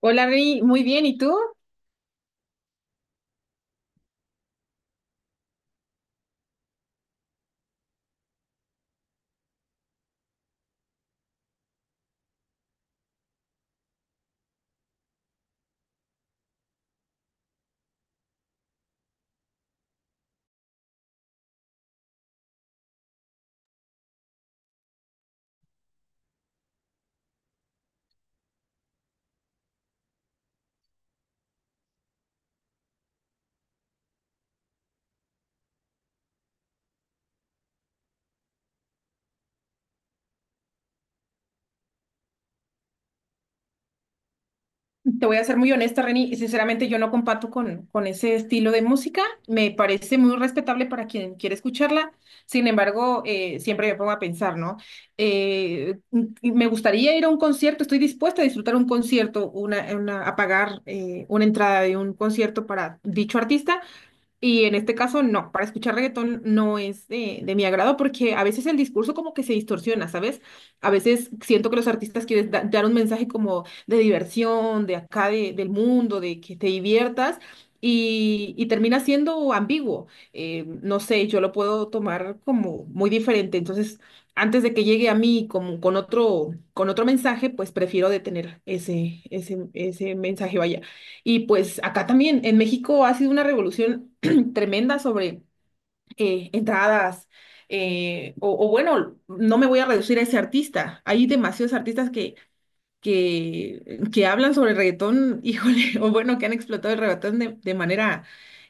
Hola, Reni, muy bien. ¿Y tú? Te voy a ser muy honesta, Reni. Sinceramente, yo no comparto con ese estilo de música. Me parece muy respetable para quien quiere escucharla. Sin embargo, siempre me pongo a pensar, ¿no? Me gustaría ir a un concierto. Estoy dispuesta a disfrutar un concierto, a pagar una entrada de un concierto para dicho artista. Y en este caso, no, para escuchar reggaetón no es de mi agrado porque a veces el discurso como que se distorsiona, ¿sabes? A veces siento que los artistas quieren dar un mensaje como de diversión, de acá del mundo, de que te diviertas y termina siendo ambiguo. No sé, yo lo puedo tomar como muy diferente. Entonces, antes de que llegue a mí como con otro mensaje, pues prefiero detener ese mensaje, vaya. Y pues acá también, en México ha sido una revolución tremenda sobre entradas, o bueno, no me voy a reducir a ese artista. Hay demasiados artistas que, que hablan sobre el reggaetón, híjole, o bueno, que han explotado el reggaetón de manera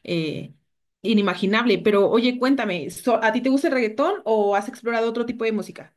eh, inimaginable. Pero oye, cuéntame, ¿a ti te gusta el reggaetón o has explorado otro tipo de música?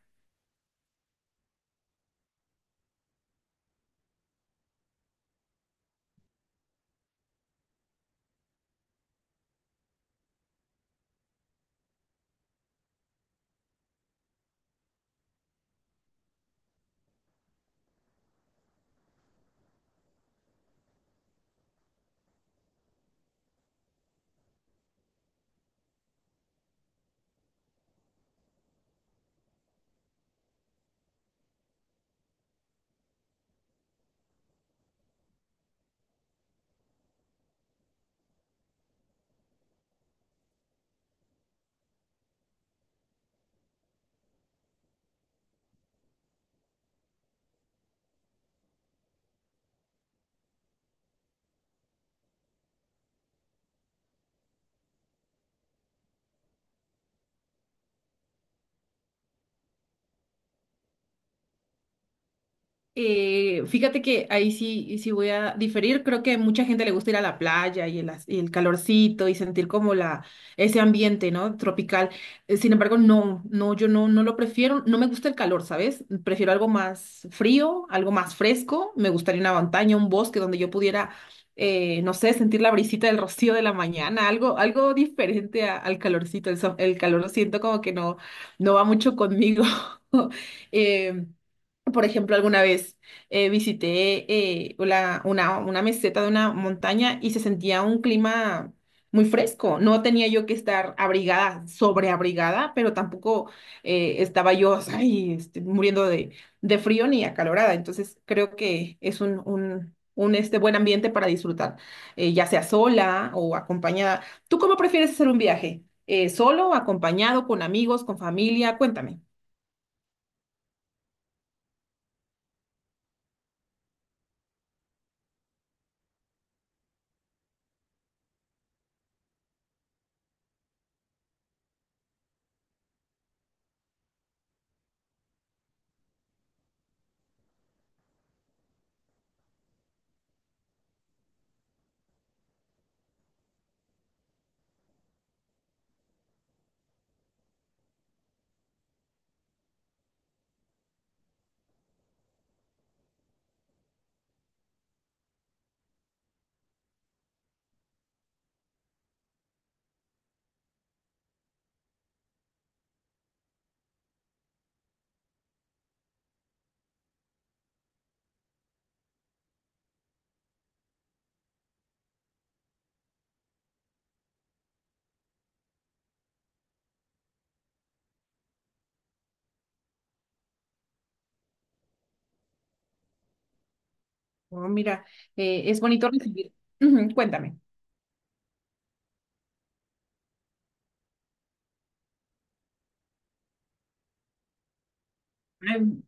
Fíjate que ahí sí, sí voy a diferir. Creo que mucha gente le gusta ir a la playa y y el calorcito y sentir como la, ese ambiente, ¿no? Tropical. Sin embargo, no, no, yo no, no lo prefiero. No me gusta el calor, ¿sabes? Prefiero algo más frío, algo más fresco. Me gustaría una montaña, un bosque donde yo pudiera, no sé, sentir la brisita del rocío de la mañana, algo, algo diferente al calorcito. El calor lo siento como que no, no va mucho conmigo. Em, por ejemplo, alguna vez visité una meseta de una montaña y se sentía un clima muy fresco. No tenía yo que estar abrigada, sobreabrigada, pero tampoco estaba yo ay, este, muriendo de frío ni acalorada. Entonces, creo que es este, buen ambiente para disfrutar, ya sea sola o acompañada. ¿Tú cómo prefieres hacer un viaje? ¿Solo, acompañado, con amigos, con familia? Cuéntame. Oh, mira, es bonito recibir. Ujú, cuéntame. Ay,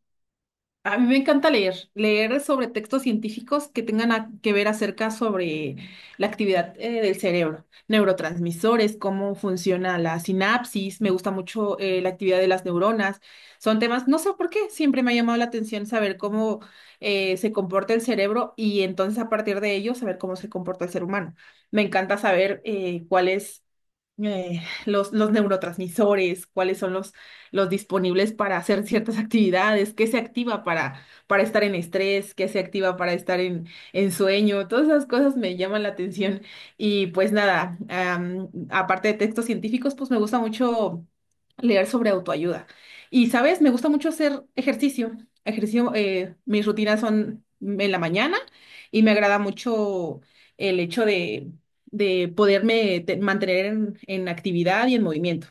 a mí me encanta leer, leer sobre textos científicos que tengan que ver acerca sobre la actividad del cerebro, neurotransmisores, cómo funciona la sinapsis, me gusta mucho la actividad de las neuronas. Son temas, no sé por qué, siempre me ha llamado la atención saber cómo se comporta el cerebro y entonces a partir de ello saber cómo se comporta el ser humano. Me encanta saber cuáles los neurotransmisores, cuáles son los disponibles para hacer ciertas actividades, qué se activa para estar en estrés, qué se activa para estar en sueño, todas esas cosas me llaman la atención. Y pues nada, aparte de textos científicos, pues me gusta mucho leer sobre autoayuda. Y sabes, me gusta mucho hacer ejercicio. Ejercicio, mis rutinas son en la mañana y me agrada mucho el hecho de poderme mantener en actividad y en movimiento.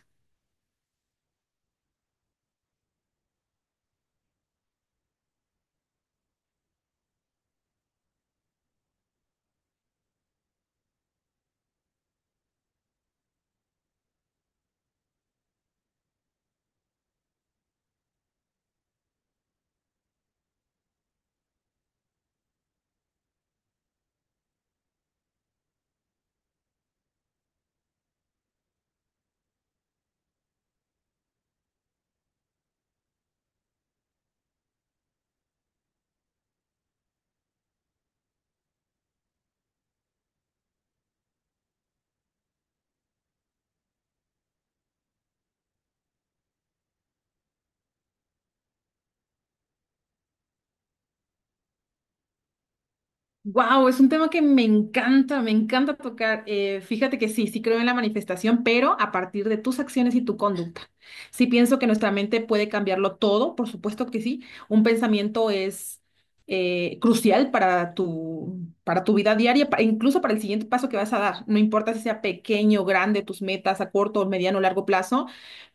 Wow, es un tema que me encanta tocar. Fíjate que sí, sí creo en la manifestación, pero a partir de tus acciones y tu conducta. Sí pienso que nuestra mente puede cambiarlo todo, por supuesto que sí. Un pensamiento es crucial para tu vida diaria, incluso para el siguiente paso que vas a dar. No importa si sea pequeño o grande, tus metas a corto, mediano o largo plazo.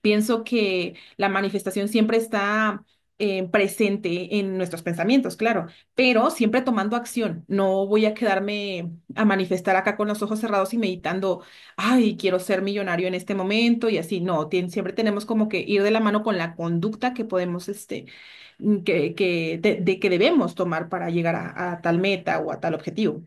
Pienso que la manifestación siempre está presente en nuestros pensamientos, claro, pero siempre tomando acción. No voy a quedarme a manifestar acá con los ojos cerrados y meditando, ay, quiero ser millonario en este momento y así. No, siempre tenemos como que ir de la mano con la conducta que podemos, este, de que debemos tomar para llegar a tal meta o a tal objetivo.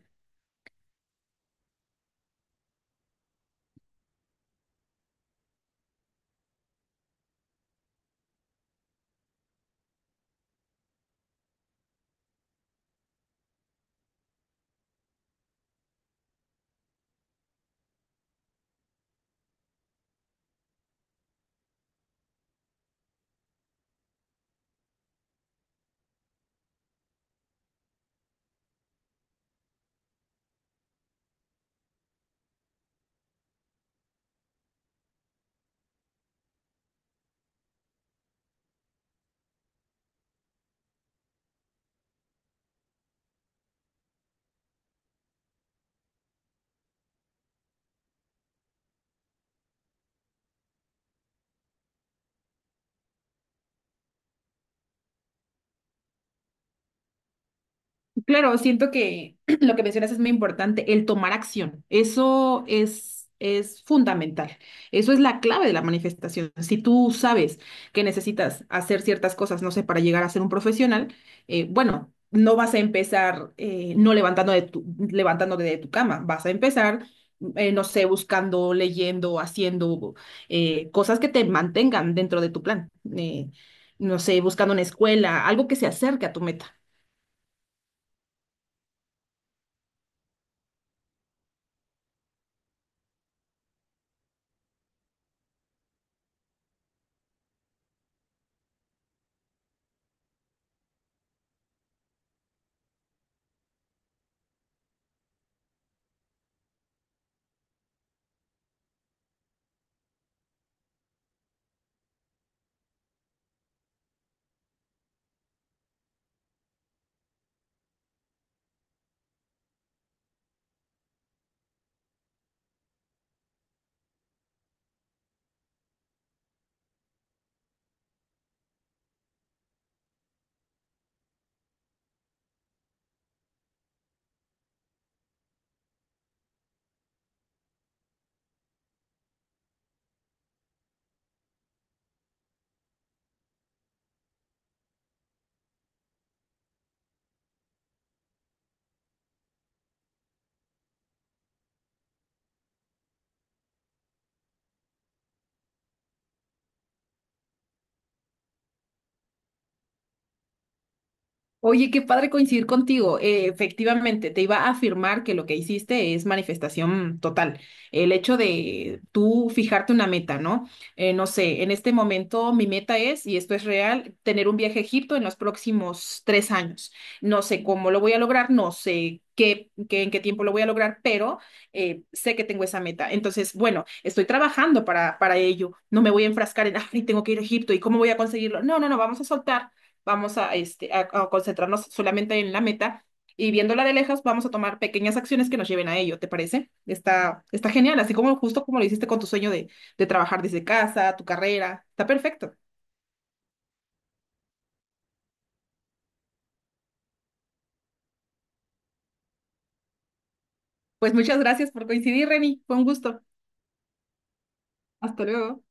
Claro, siento que lo que mencionas es muy importante, el tomar acción. Eso es fundamental. Eso es la clave de la manifestación. Si tú sabes que necesitas hacer ciertas cosas, no sé, para llegar a ser un profesional, bueno, no vas a empezar no levantando de tu, levantándote de tu cama, vas a empezar, no sé, buscando, leyendo, haciendo cosas que te mantengan dentro de tu plan. Eh, no sé, buscando una escuela, algo que se acerque a tu meta. Oye, qué padre coincidir contigo. Efectivamente, te iba a afirmar que lo que hiciste es manifestación total. El hecho de tú fijarte una meta, ¿no? No sé, en este momento mi meta es, y esto es real, tener un viaje a Egipto en los próximos 3 años. No sé cómo lo voy a lograr, no sé qué, en qué tiempo lo voy a lograr, pero sé que tengo esa meta. Entonces, bueno, estoy trabajando para ello. No me voy a enfrascar en, ay, tengo que ir a Egipto y cómo voy a conseguirlo. No, no, no, vamos a soltar, vamos a, este, a concentrarnos solamente en la meta y viéndola de lejos vamos a tomar pequeñas acciones que nos lleven a ello, ¿te parece? Está, está genial, así como justo como lo hiciste con tu sueño de trabajar desde casa, tu carrera, está perfecto. Pues muchas gracias por coincidir, Reni, fue un gusto. Hasta luego.